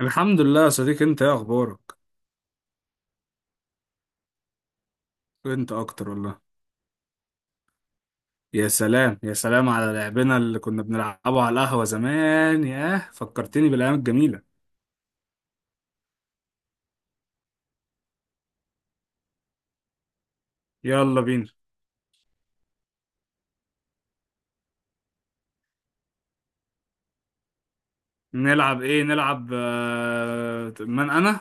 الحمد لله يا صديقي، انت ايه اخبارك؟ انت اكتر والله. يا سلام يا سلام على لعبنا اللي كنا بنلعبه على القهوة زمان، ياه فكرتني بالايام الجميلة. يلا بينا. نلعب ايه؟ نلعب من انا.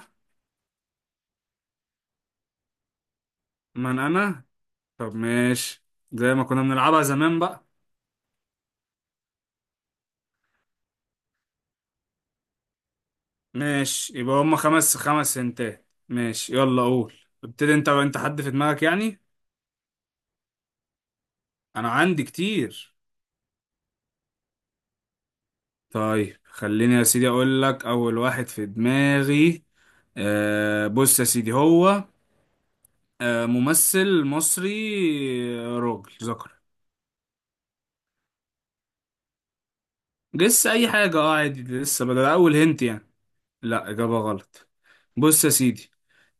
من انا. طب ماشي، زي ما كنا بنلعبها زمان بقى. ماشي يبقى هما خمس سنتات، ماشي يلا قول. ابتدي انت، انت حد في دماغك يعني؟ انا عندي كتير. طيب خليني يا سيدي اقول لك اول واحد في دماغي. آه بص يا سيدي، هو آه ممثل مصري، راجل ذكر. لسه اي حاجة، اه عادي، لسه بدل اول هنت يعني. لا، اجابة غلط. بص يا سيدي،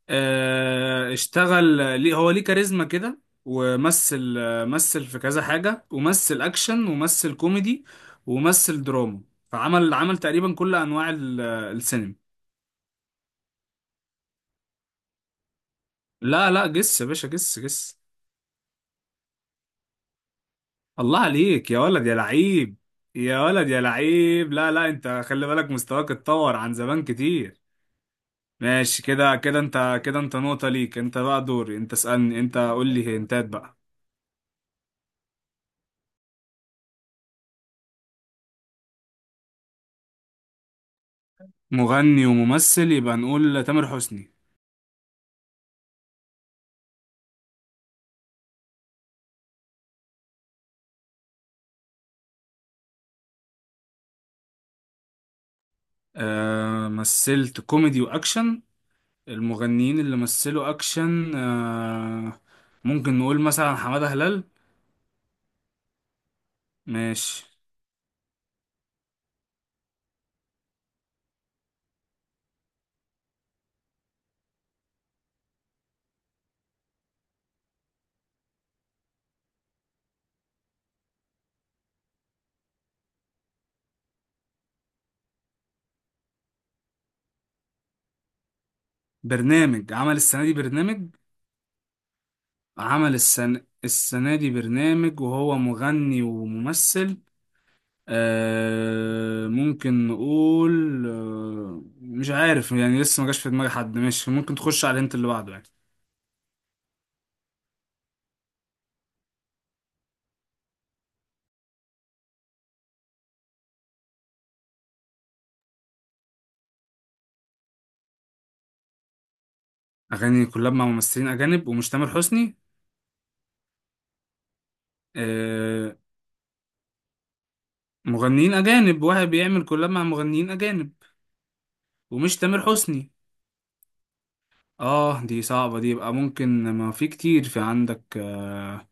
آه اشتغل، ليه هو ليه كاريزما كده، ومثل مثل في كذا حاجة، ومثل اكشن، ومثل كوميدي، ومثل دراما. فعمل، عمل تقريبا كل انواع السينما. لا لا جس يا باشا، جس جس. الله عليك يا ولد يا لعيب. يا ولد يا لعيب، لا لا، انت خلي بالك، مستواك اتطور عن زمان كتير. ماشي كده، كده انت كده، انت نقطة ليك، انت بقى دوري، انت اسألني، انت قول لي هنتات بقى. مغني وممثل، يبقى نقول تامر حسني. آه مثلت كوميدي واكشن، المغنيين اللي مثلوا اكشن، آه ممكن نقول مثلا حمادة هلال. ماشي. برنامج، عمل السنة دي برنامج؟ عمل السنة دي برنامج وهو مغني وممثل. آه ممكن نقول، آه مش عارف يعني، لسه ما جاش في دماغي حد، ماشي ممكن تخش على الهنت اللي بعده يعني. أغاني كلاب مع ممثلين أجانب ومش تامر حسني. آه مغنيين أجانب، واحد بيعمل كلاب مع مغنيين أجانب ومش تامر حسني. اه دي صعبة دي، يبقى ممكن ما في كتير في عندك، آه،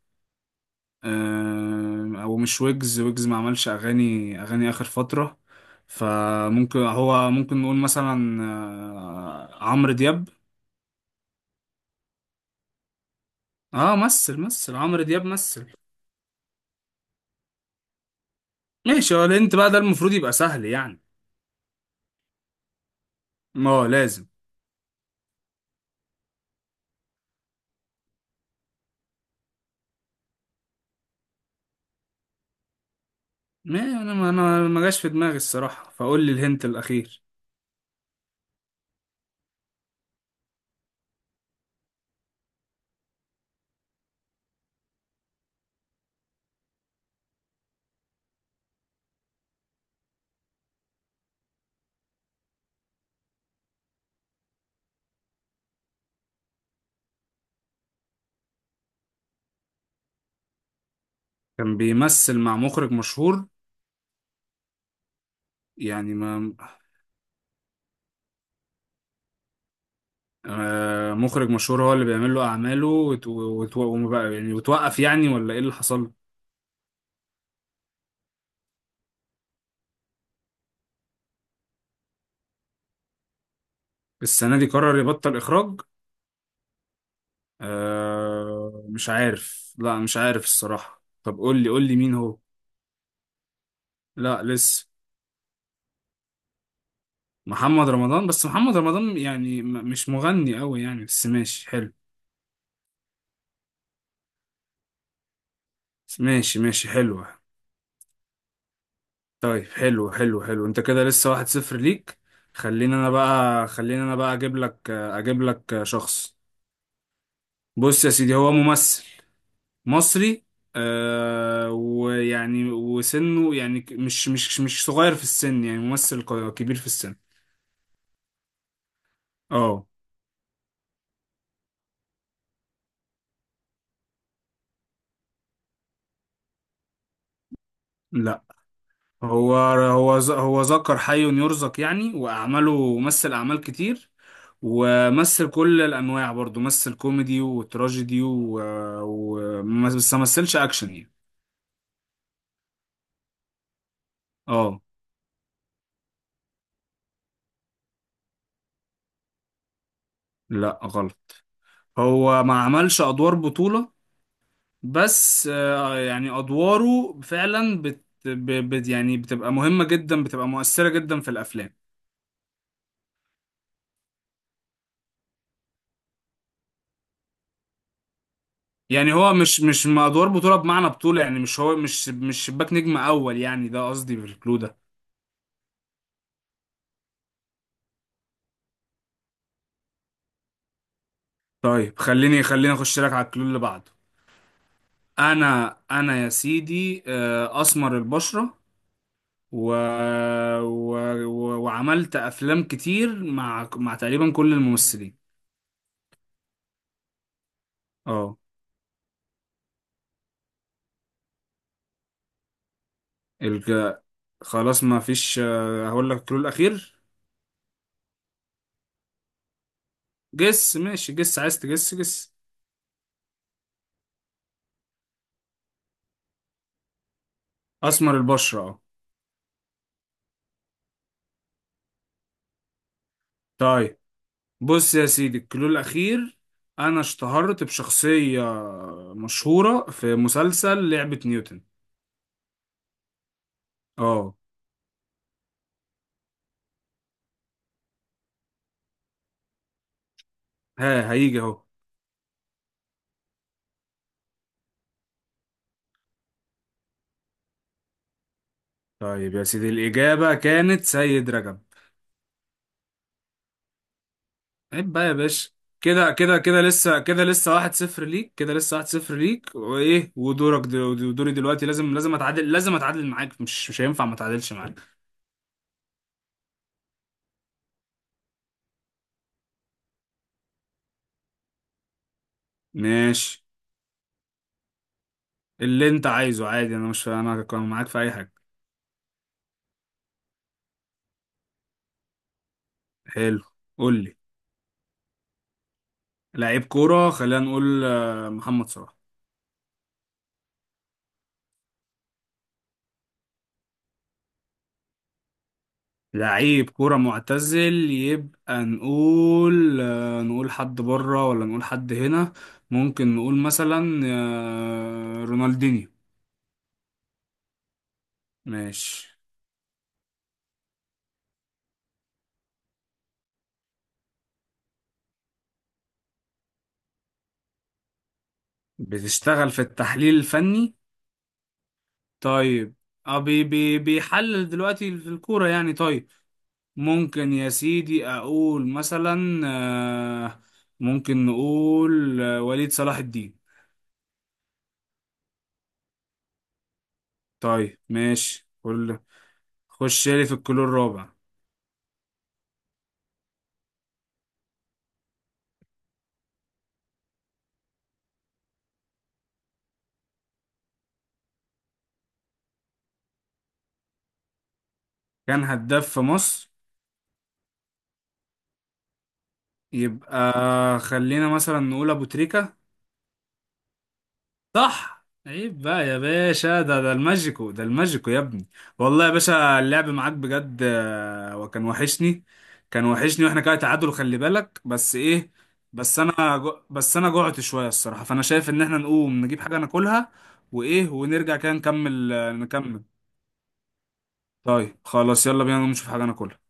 آه، هو مش ويجز، ما عملش اغاني اخر فتره، فممكن هو ممكن نقول مثلا عمرو دياب. اه مثل، عمرو دياب مثل. ماشي، هو انت بقى ده المفروض يبقى سهل يعني. ما هو لازم. ما انا ما جاش في دماغي الصراحه، فقول لي الهنت الاخير. كان بيمثل مع مخرج مشهور يعني، ما آه، مخرج مشهور هو اللي بيعمل له اعماله، يعني وتوقف يعني ولا ايه اللي حصل له؟ السنه دي قرر يبطل اخراج. أه مش عارف، لا مش عارف الصراحة، طب قول لي، قول لي مين هو. لا لسه. محمد رمضان؟ بس محمد رمضان يعني مش مغني قوي يعني، بس ماشي حلو. ماشي ماشي حلوة. طيب حلو حلو حلو، انت كده لسه 1-0 ليك. خليني انا بقى اجيب لك شخص. بص يا سيدي، هو ممثل مصري، آه ويعني وسنه يعني مش مش صغير في السن يعني، ممثل كبير في السن. اه لا هو، هو ذكر حي يرزق يعني، وأعماله مثل أعمال كتير، ومثل كل الأنواع برضو، مثل كوميدي وتراجيدي و... بس ما مثلش أكشن يعني. اه لا غلط. هو ما عملش أدوار بطولة، بس يعني أدواره فعلا يعني بتبقى مهمة جدا، بتبقى مؤثرة جدا في الأفلام. يعني هو مش مش ما أدوار بطولة بمعنى بطولة، يعني مش هو مش شباك نجم أول يعني، ده قصدي بالكلو ده. طيب خليني اخش لك على الكلو اللي بعده. انا يا سيدي، اسمر البشره، و... و... وعملت افلام كتير مع تقريبا كل الممثلين. اه. الج... خلاص ما فيش، هقول لك الكلو الاخير. جس ماشي جس، عايز تجس جس. اسمر البشره، اه. طيب بص يا سيدي الكلو الاخير. انا اشتهرت بشخصيه مشهوره في مسلسل لعبه نيوتن. اه. ها هيجي اهو. طيب يا سيدي الإجابة كانت سيد رجب. عيب بقى يا باشا. كده لسه 1-0 ليك، كده لسه 1-0 ليك، ودوري دلوقتي لازم، لازم أتعادل معاك، مش هينفع ما أتعادلش معاك. ماشي، اللي أنت عايزه عادي، أنا مش أنا كان معاك في أي حاجة. حلو. قول لي. لعيب كورة، خلينا نقول محمد صلاح. لعيب كورة معتزل، يبقى نقول نقول حد بره ولا نقول حد هنا. ممكن نقول مثلا رونالدينيو. ماشي. بتشتغل في التحليل الفني، طيب. اه بي بي بيحلل دلوقتي في الكورة يعني، طيب. ممكن يا سيدي اقول مثلا، آه، ممكن نقول وليد صلاح الدين. طيب ماشي كل. خش لي في الكلور الرابع. كان هداف في مصر، يبقى خلينا مثلا نقول ابو تريكة. صح، عيب بقى يا باشا، ده ده الماجيكو ده الماجيكو يا ابني. والله يا باشا اللعب معاك بجد وكان وحشني، كان وحشني، واحنا كده تعادل، خلي بالك بس ايه. بس انا جوعت شوية الصراحة، فانا شايف ان احنا نقوم نجيب حاجة ناكلها، ونرجع كده نكمل، نكمل. طيب خلاص يلا بينا نقوم نشوف حاجة ناكلها.